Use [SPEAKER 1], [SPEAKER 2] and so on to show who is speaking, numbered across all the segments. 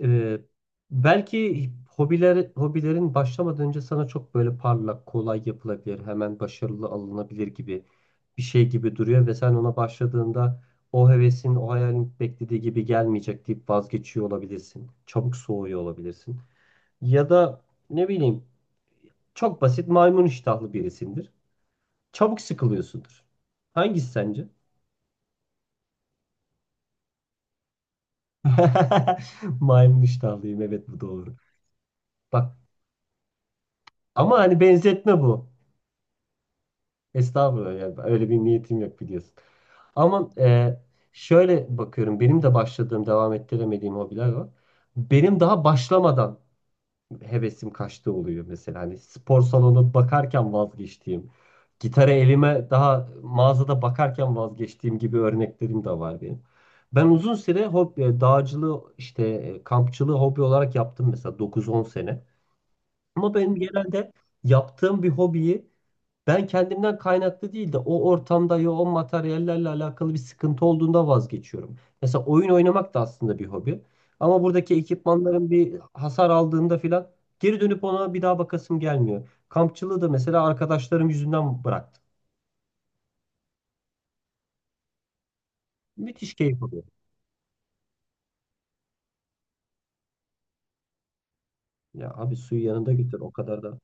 [SPEAKER 1] Ee, belki hobilerin başlamadan önce sana çok böyle parlak, kolay yapılabilir, hemen başarılı alınabilir gibi bir şey gibi duruyor ve sen ona başladığında o hevesin, o hayalin beklediği gibi gelmeyecek deyip vazgeçiyor olabilirsin. Çabuk soğuyor olabilirsin. Ya da ne bileyim, çok basit, maymun iştahlı birisindir. Çabuk sıkılıyorsundur. Hangisi sence? Maymun iştahlıyım, evet, bu doğru. Bak, ama hani benzetme bu. Estağfurullah, yani öyle bir niyetim yok, biliyorsun. Ama şöyle bakıyorum, benim de başladığım, devam ettiremediğim hobiler var. Benim daha başlamadan hevesim kaçtığı oluyor mesela. Hani spor salonu bakarken vazgeçtiğim, gitarı elime daha mağazada bakarken vazgeçtiğim gibi örneklerim de var benim. Ben uzun süre hobi, dağcılığı, işte kampçılığı hobi olarak yaptım mesela, 9-10 sene. Ama benim genelde yaptığım bir hobiyi ben kendimden kaynaklı değil de o ortamda, ya o materyallerle alakalı bir sıkıntı olduğunda vazgeçiyorum. Mesela oyun oynamak da aslında bir hobi. Ama buradaki ekipmanların bir hasar aldığında filan geri dönüp ona bir daha bakasım gelmiyor. Kampçılığı da mesela arkadaşlarım yüzünden bıraktım. Müthiş keyif alıyor. Ya abi, suyu yanında götür, o kadar da.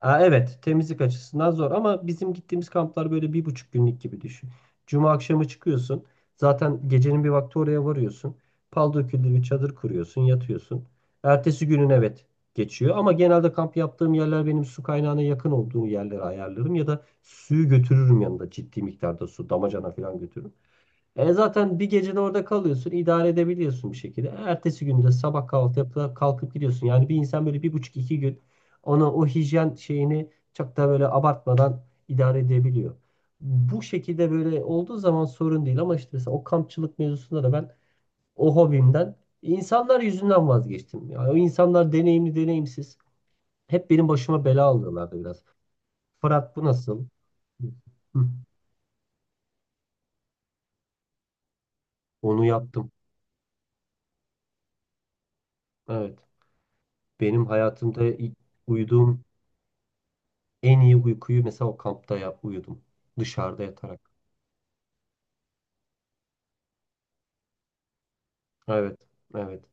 [SPEAKER 1] Ha, evet, temizlik açısından zor, ama bizim gittiğimiz kamplar böyle bir buçuk günlük gibi düşün. Cuma akşamı çıkıyorsun. Zaten gecenin bir vakti oraya varıyorsun. Pal döküldü, bir çadır kuruyorsun, yatıyorsun. Ertesi günün, evet, geçiyor ama genelde kamp yaptığım yerler, benim su kaynağına yakın olduğu yerlere ayarlarım ya da suyu götürürüm yanında, ciddi miktarda su, damacana falan götürürüm. E zaten bir gecede orada kalıyorsun, idare edebiliyorsun bir şekilde. Ertesi günde sabah kahvaltı yapıp kalkıp gidiyorsun. Yani bir insan böyle bir buçuk iki gün ona, o hijyen şeyini çok da böyle abartmadan idare edebiliyor. Bu şekilde böyle olduğu zaman sorun değil, ama işte mesela o kampçılık mevzusunda da ben o hobimden insanlar yüzünden vazgeçtim. Yani o insanlar deneyimli deneyimsiz, hep benim başıma bela alıyorlardı biraz. Fırat, bu nasıl? Hı. Onu yaptım. Evet. Benim hayatımda ilk uyuduğum en iyi uykuyu mesela o kampta, ya, uyudum. Dışarıda yatarak. Evet. Evet.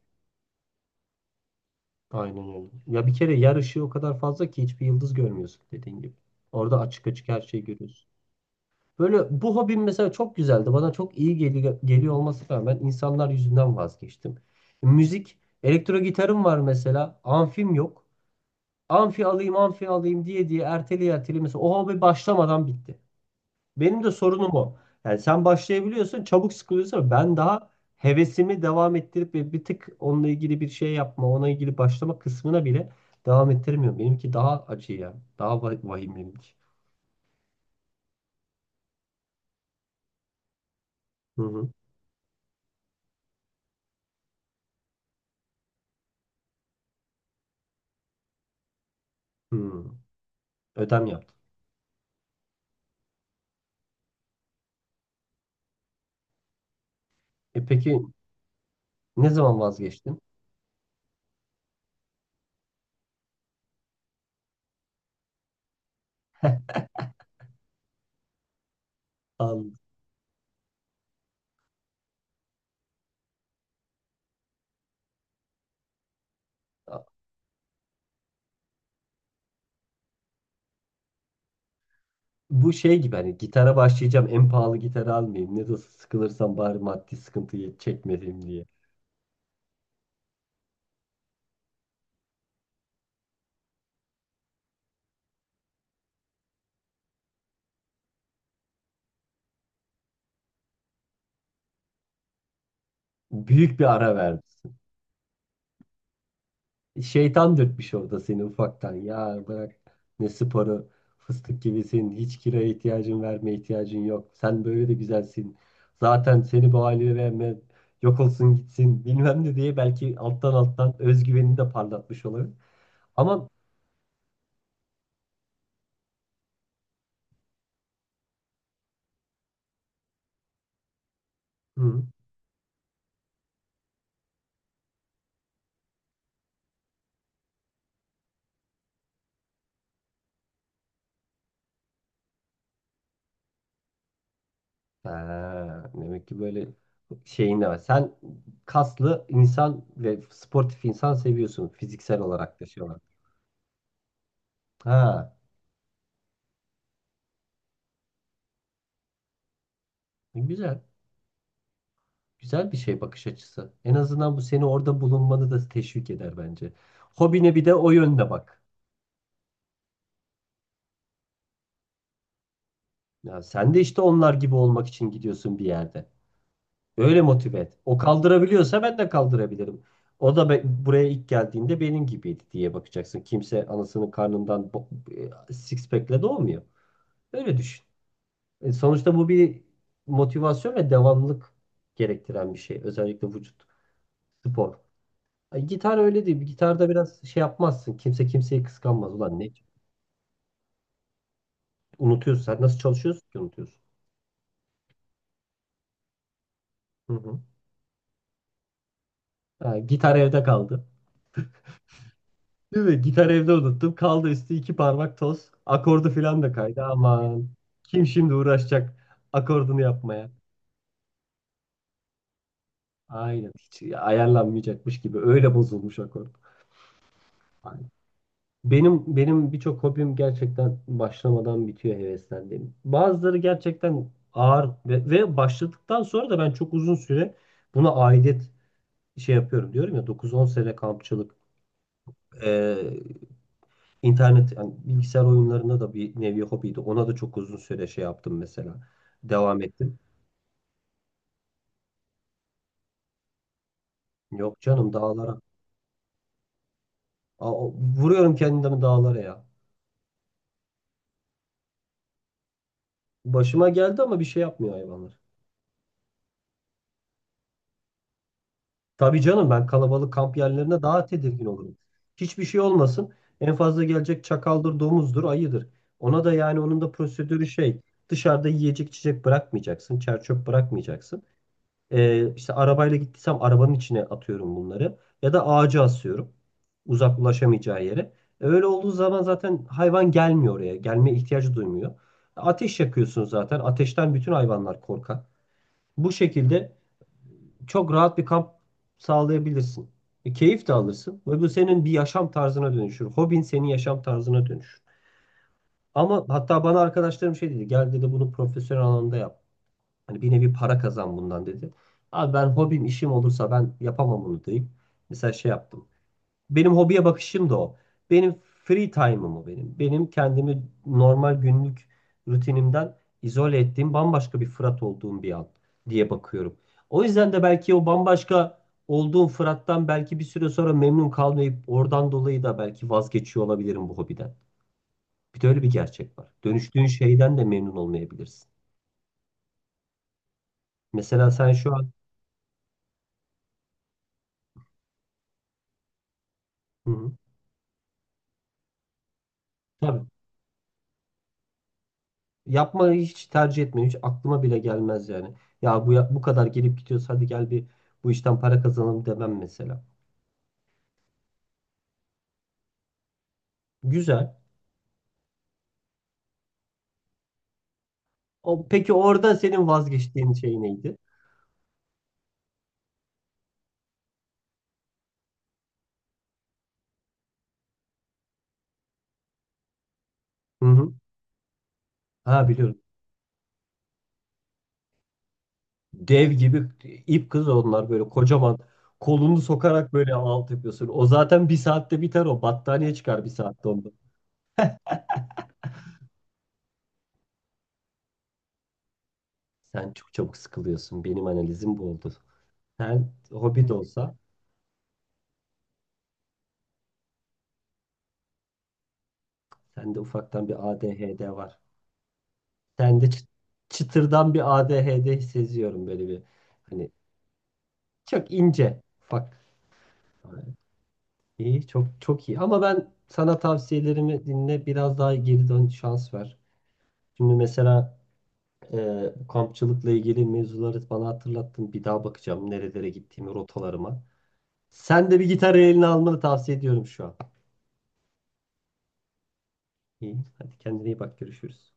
[SPEAKER 1] Aynen öyle. Ya bir kere yer ışığı o kadar fazla ki hiçbir yıldız görmüyorsun, dediğin gibi. Orada açık açık her şeyi görüyorsun. Böyle, bu hobim mesela çok güzeldi. Bana çok iyi geliyor olması rağmen insanlar yüzünden vazgeçtim. Müzik, elektro gitarım var mesela. Amfim yok. Amfi alayım, amfi alayım diye diye, erteli erteli, mesela o hobi başlamadan bitti. Benim de sorunum o. Yani sen başlayabiliyorsun, çabuk sıkılıyorsun, ama ben daha hevesimi devam ettirip ve bir tık onunla ilgili bir şey yapma, ona ilgili başlama kısmına bile devam ettirmiyorum. Benimki daha acı ya. Daha vahim benimki. Hı hı. Hı. Ödem yaptım. E peki, ne zaman vazgeçtin? Al- a- Bu şey gibi, hani gitara başlayacağım, en pahalı gitarı almayayım. Ne de olsa sıkılırsam bari maddi sıkıntıyı çekmeyeyim diye. Büyük bir ara verdim. Şeytan dürtmüş orada seni ufaktan. Ya bırak ne sporu, fıstık gibisin. Hiç kiraya ihtiyacın, verme ihtiyacın yok. Sen böyle de güzelsin. Zaten seni bu haline verme, yok olsun gitsin bilmem ne diye, belki alttan alttan özgüvenini de parlatmış olabilir. Ama hı, ha, demek ki böyle şeyin de var. Sen kaslı insan ve sportif insan seviyorsun, fiziksel olarak da şey olarak. Ha, güzel. Güzel bir şey bakış açısı. En azından bu seni orada bulunmanı da teşvik eder bence. Hobine bir de o yönde bak. Ya sen de işte onlar gibi olmak için gidiyorsun bir yerde. Öyle motive et. O kaldırabiliyorsa ben de kaldırabilirim. O da buraya ilk geldiğinde benim gibiydi diye bakacaksın. Kimse anasının karnından six pack'le doğmuyor. Öyle düşün. Sonuçta bu bir motivasyon ve devamlılık gerektiren bir şey. Özellikle vücut, spor. Ay, gitar öyle değil. Gitarda biraz şey yapmazsın. Kimse kimseyi kıskanmaz. Ulan, ne? Unutuyorsun. Sen nasıl çalışıyorsun ki unutuyorsun? Hı hı. Ha, gitar evde kaldı. Değil mi? Gitar evde unuttum. Kaldı, üstü iki parmak toz. Akordu falan da kaydı. Aman. Kim şimdi uğraşacak akordunu yapmaya? Aynen. Hiç ayarlanmayacakmış gibi, öyle bozulmuş akord. Aynen. Benim birçok hobim gerçekten başlamadan bitiyor, heveslendiğim. Bazıları gerçekten ağır ve başladıktan sonra da ben çok uzun süre buna aidet şey yapıyorum diyorum ya, 9-10 sene kampçılık, e, internet, yani bilgisayar oyunlarında da bir nevi hobiydi. Ona da çok uzun süre şey yaptım mesela. Devam ettim. Yok canım, dağlara. Aa, vuruyorum kendimi dağlara ya. Başıma geldi ama bir şey yapmıyor hayvanlar. Tabii canım, ben kalabalık kamp yerlerine daha tedirgin olurum. Hiçbir şey olmasın. En fazla gelecek çakaldır, domuzdur, ayıdır. Ona da yani onun da prosedürü şey. Dışarıda yiyecek içecek bırakmayacaksın. Çer bırakmayacaksın. İşte arabayla gittiysem arabanın içine atıyorum bunları. Ya da ağaca asıyorum, uzak, ulaşamayacağı yere. Öyle olduğu zaman zaten hayvan gelmiyor oraya. Gelmeye ihtiyacı duymuyor. Ateş yakıyorsun zaten. Ateşten bütün hayvanlar korkar. Bu şekilde çok rahat bir kamp sağlayabilirsin. Keyif de alırsın. Ve bu senin bir yaşam tarzına dönüşür. Hobin senin yaşam tarzına dönüşür. Ama hatta bana arkadaşlarım şey dedi. Gel dedi, bunu profesyonel alanda yap. Hani bir nevi para kazan bundan dedi. Abi, ben hobim işim olursa ben yapamam bunu deyip mesela şey yaptım. Benim hobiye bakışım da o. Benim free time'ım o benim. Benim kendimi normal günlük rutinimden izole ettiğim, bambaşka bir Fırat olduğum bir an diye bakıyorum. O yüzden de belki o bambaşka olduğum Fırat'tan belki bir süre sonra memnun kalmayıp oradan dolayı da belki vazgeçiyor olabilirim bu hobiden. Bir de öyle bir gerçek var. Dönüştüğün şeyden de memnun olmayabilirsin. Mesela sen şu an... Hı hı. Tabii. Yapmayı hiç tercih etmiyorum. Hiç aklıma bile gelmez yani. Ya bu kadar gelip gidiyoruz, hadi gel bir, bu işten para kazanalım demem mesela. Güzel. O, peki orada senin vazgeçtiğin şey neydi? Hı hı. Ha, biliyorum. Dev gibi ip kız onlar, böyle kocaman, kolunu sokarak böyle alt yapıyorsun. O zaten bir saatte biter o. Battaniye çıkar bir saatte onda. Sen çok çabuk sıkılıyorsun. Benim analizim bu oldu. Sen hobi de olsa sende ufaktan bir ADHD var. Sende çıtırdan bir ADHD seziyorum böyle bir. Hani çok ince. Bak. İyi, çok çok iyi. Ama ben sana tavsiyelerimi dinle, biraz daha geri dön, şans ver. Şimdi mesela e, bu kampçılıkla ilgili mevzuları bana hatırlattın. Bir daha bakacağım nerelere gittiğimi, rotalarıma. Sen de bir gitarı eline almanı tavsiye ediyorum şu an. İyi, hadi kendine iyi bak, görüşürüz.